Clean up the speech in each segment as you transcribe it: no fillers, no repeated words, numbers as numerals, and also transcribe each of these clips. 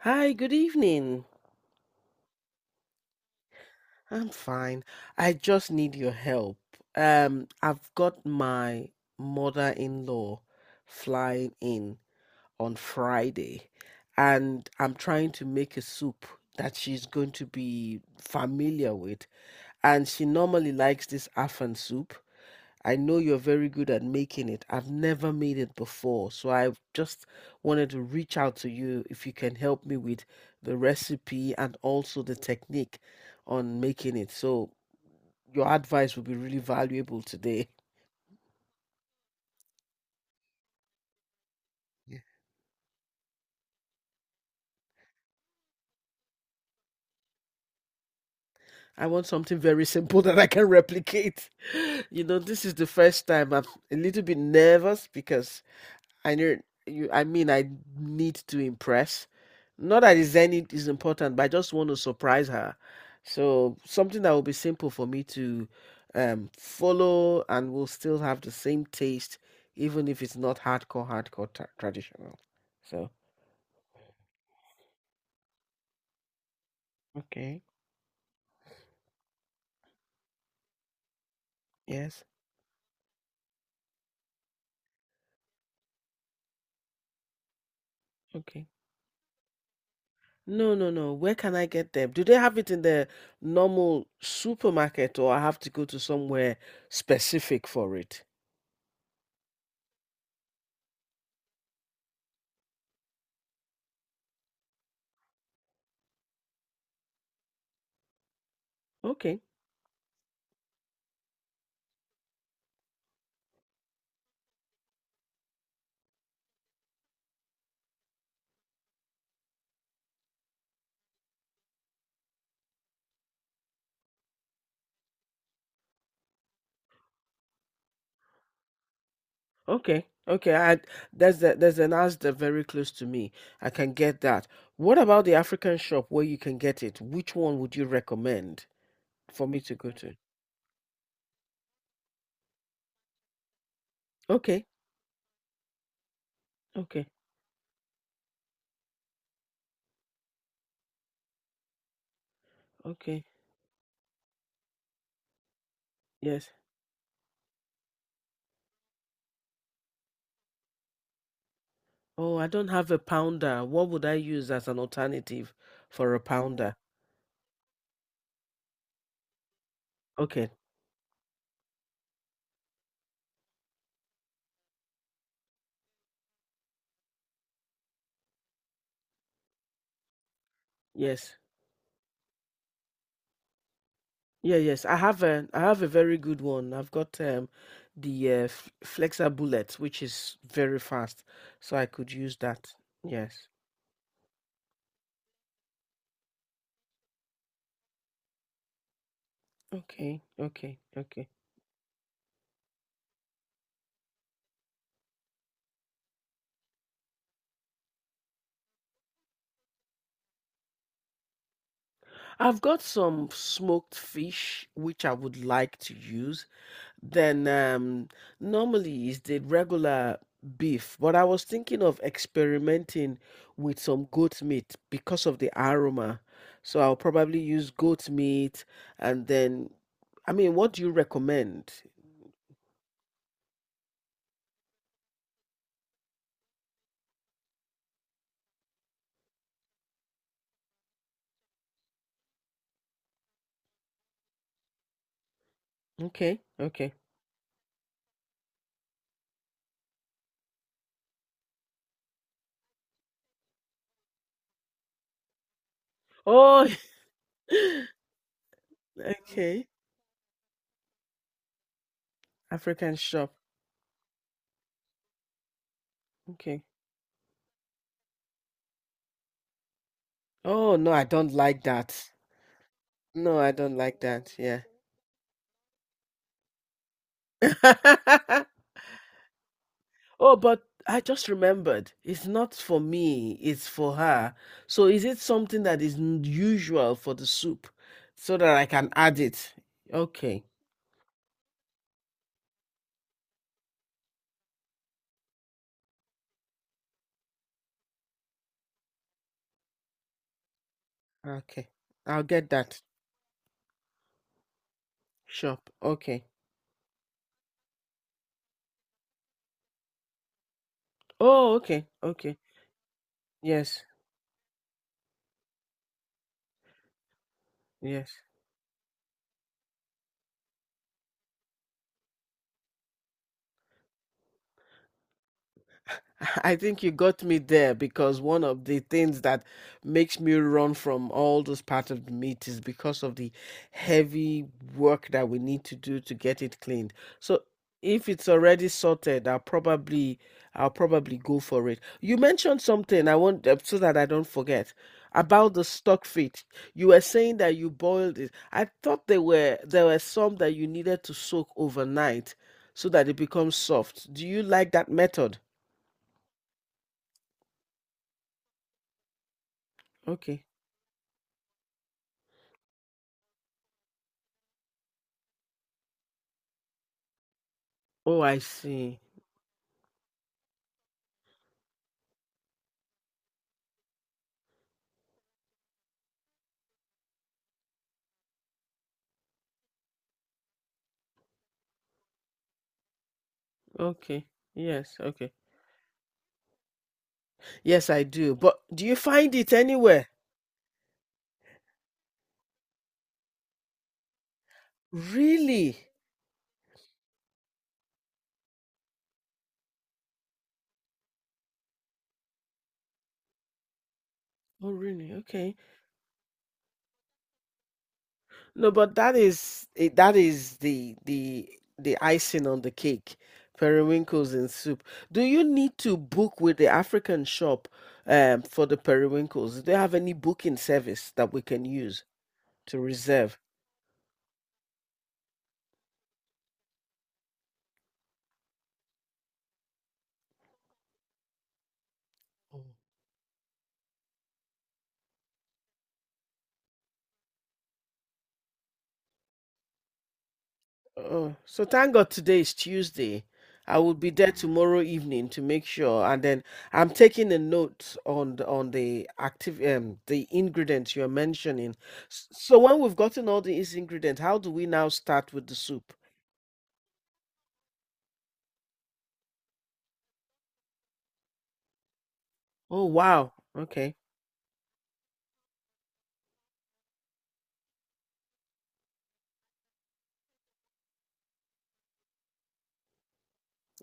Hi, good evening. I'm fine. I just need your help. I've got my mother-in-law flying in on Friday, and I'm trying to make a soup that she's going to be familiar with. And she normally likes this Afan soup. I know you're very good at making it. I've never made it before. So I just wanted to reach out to you if you can help me with the recipe and also the technique on making it. So your advice would be really valuable today. Yeah. I want something very simple that I can replicate. You know, this is the first time I'm a little bit nervous because I know you. I mean, I need to impress. Not that is any is important, but I just want to surprise her. So something that will be simple for me to follow, and will still have the same taste, even if it's not hardcore, traditional. So okay, yes, okay. No. Where can I get them? Do they have it in the normal supermarket, or I have to go to somewhere specific for it? Okay. Okay. Okay. There's an Asda very close to me. I can get that. What about the African shop where you can get it? Which one would you recommend for me to go to? Okay. Okay. Okay. Yes. Oh, I don't have a pounder. What would I use as an alternative for a pounder? Okay. Yes. Yeah, yes. I have a very good one. I've got the Flexa Bullet, which is very fast, so I could use that. Yes. Okay. Okay. Okay. I've got some smoked fish which I would like to use. Then normally is the regular beef, but I was thinking of experimenting with some goat meat because of the aroma. So I'll probably use goat meat and then I mean, what do you recommend? Okay, okay. Oh, okay. African shop. Okay. Oh no, I don't like that. No, I don't like that. Yeah. Oh, but I just remembered. It's not for me, it's for her. So is it something that is usual for the soup so that I can add it? Okay. Okay. I'll get that. Shop. Okay. Oh, okay. Okay. Yes. Yes. I think you got me there because one of the things that makes me run from all those parts of the meat is because of the heavy work that we need to do to get it cleaned. So if it's already sorted, I'll probably go for it. You mentioned something I want so that I don't forget about the stock feet. You were saying that you boiled it. I thought there were some that you needed to soak overnight so that it becomes soft. Do you like that method? Okay. Oh, I see. Okay. Yes, okay. Yes, I do. But do you find it anywhere? Really? Oh, really? Okay. No, but that is it, that is the the icing on the cake. Periwinkles in soup. Do you need to book with the African shop for the periwinkles? Do they have any booking service that we can use to reserve? Oh, so thank God today is Tuesday. I will be there tomorrow evening to make sure, and then I'm taking a note on the active the ingredients you're mentioning. So when we've gotten all these ingredients, how do we now start with the soup? Oh wow, okay.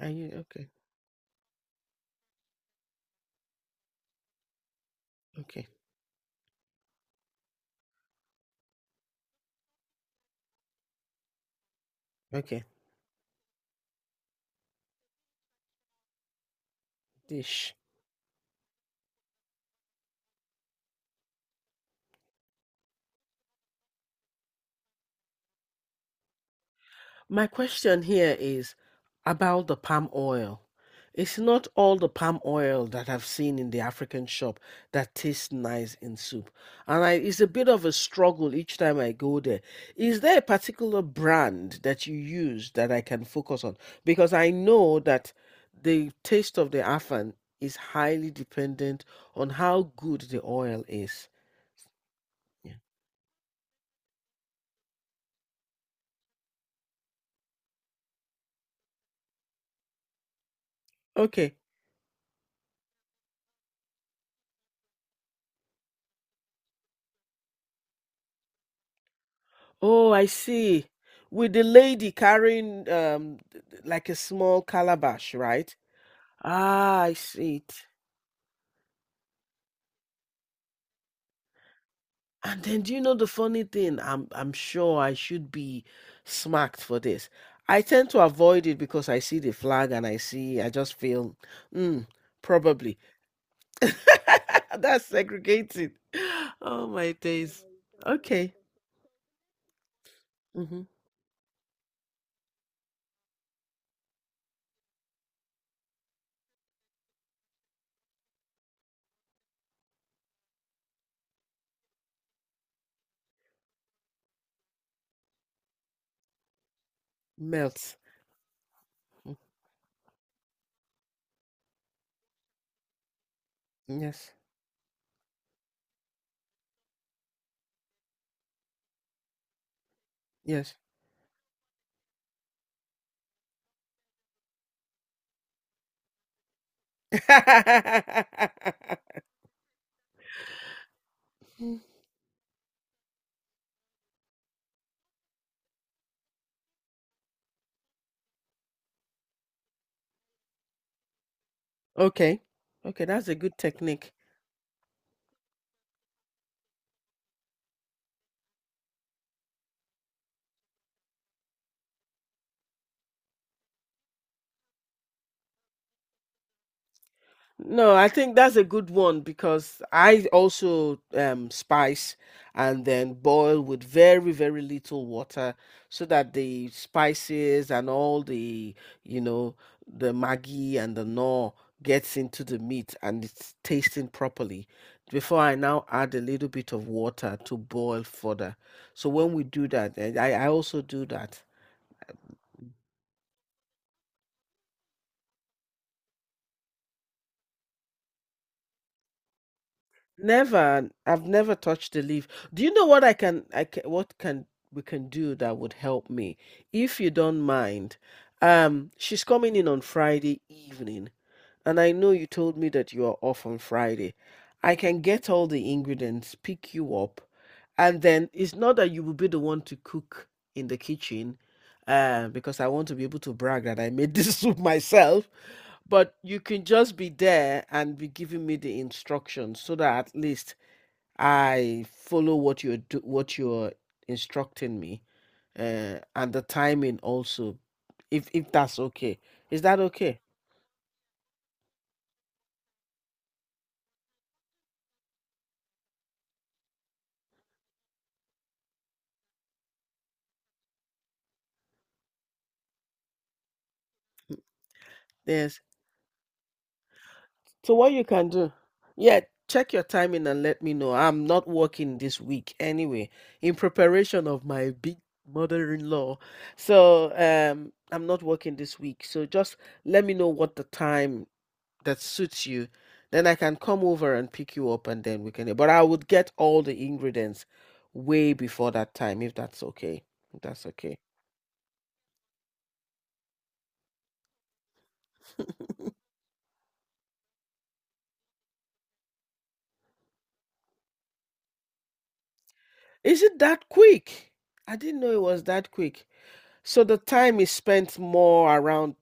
Are you okay? Okay, okay. Dish. My question here is about the palm oil. It's not all the palm oil that I've seen in the African shop that tastes nice in soup. And I, it's a bit of a struggle each time I go there. Is there a particular brand that you use that I can focus on? Because I know that the taste of the afan is highly dependent on how good the oil is. Yeah. Okay. Oh, I see. With the lady carrying like a small calabash, right? Ah, I see it. And then do you know the funny thing? I'm sure I should be smacked for this. I tend to avoid it because I see the flag and I see I just feel mm, probably. That's segregated. Oh my days. Okay. Mm-hmm. Melts. Mm, yes. Yes. Okay. Okay, that's a good technique. No, I think that's a good one because I also spice and then boil with very, very little water so that the spices and all the, you know, the Maggi and the gnaw gets into the meat and it's tasting properly. Before I now add a little bit of water to boil further. So when we do that, and I also do that. Never. I've never touched the leaf. Do you know what I can, what can we can do that would help me if you don't mind? She's coming in on Friday evening, and I know you told me that you are off on Friday. I can get all the ingredients, pick you up, and then it's not that you will be the one to cook in the kitchen, because I want to be able to brag that I made this soup myself, but you can just be there and be giving me the instructions so that at least I follow what you're instructing me, and the timing also, if that's okay. Is that okay? Yes. So what you can do? Yeah, check your timing and let me know. I'm not working this week anyway, in preparation of my big mother-in-law. So I'm not working this week. So just let me know what the time that suits you, then I can come over and pick you up and then we can. But I would get all the ingredients way before that time if that's okay. If that's okay. Is it that quick? I didn't know it was that quick. So the time is spent more around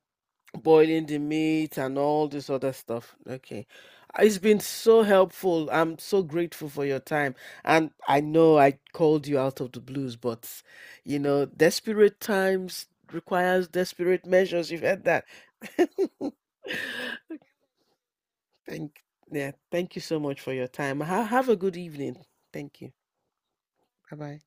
boiling the meat and all this other stuff. Okay. It's been so helpful. I'm so grateful for your time. And I know I called you out of the blues, but you know, desperate times requires desperate measures. You've heard that. Thank yeah, thank you so much for your time. Have a good evening. Thank you. Bye bye.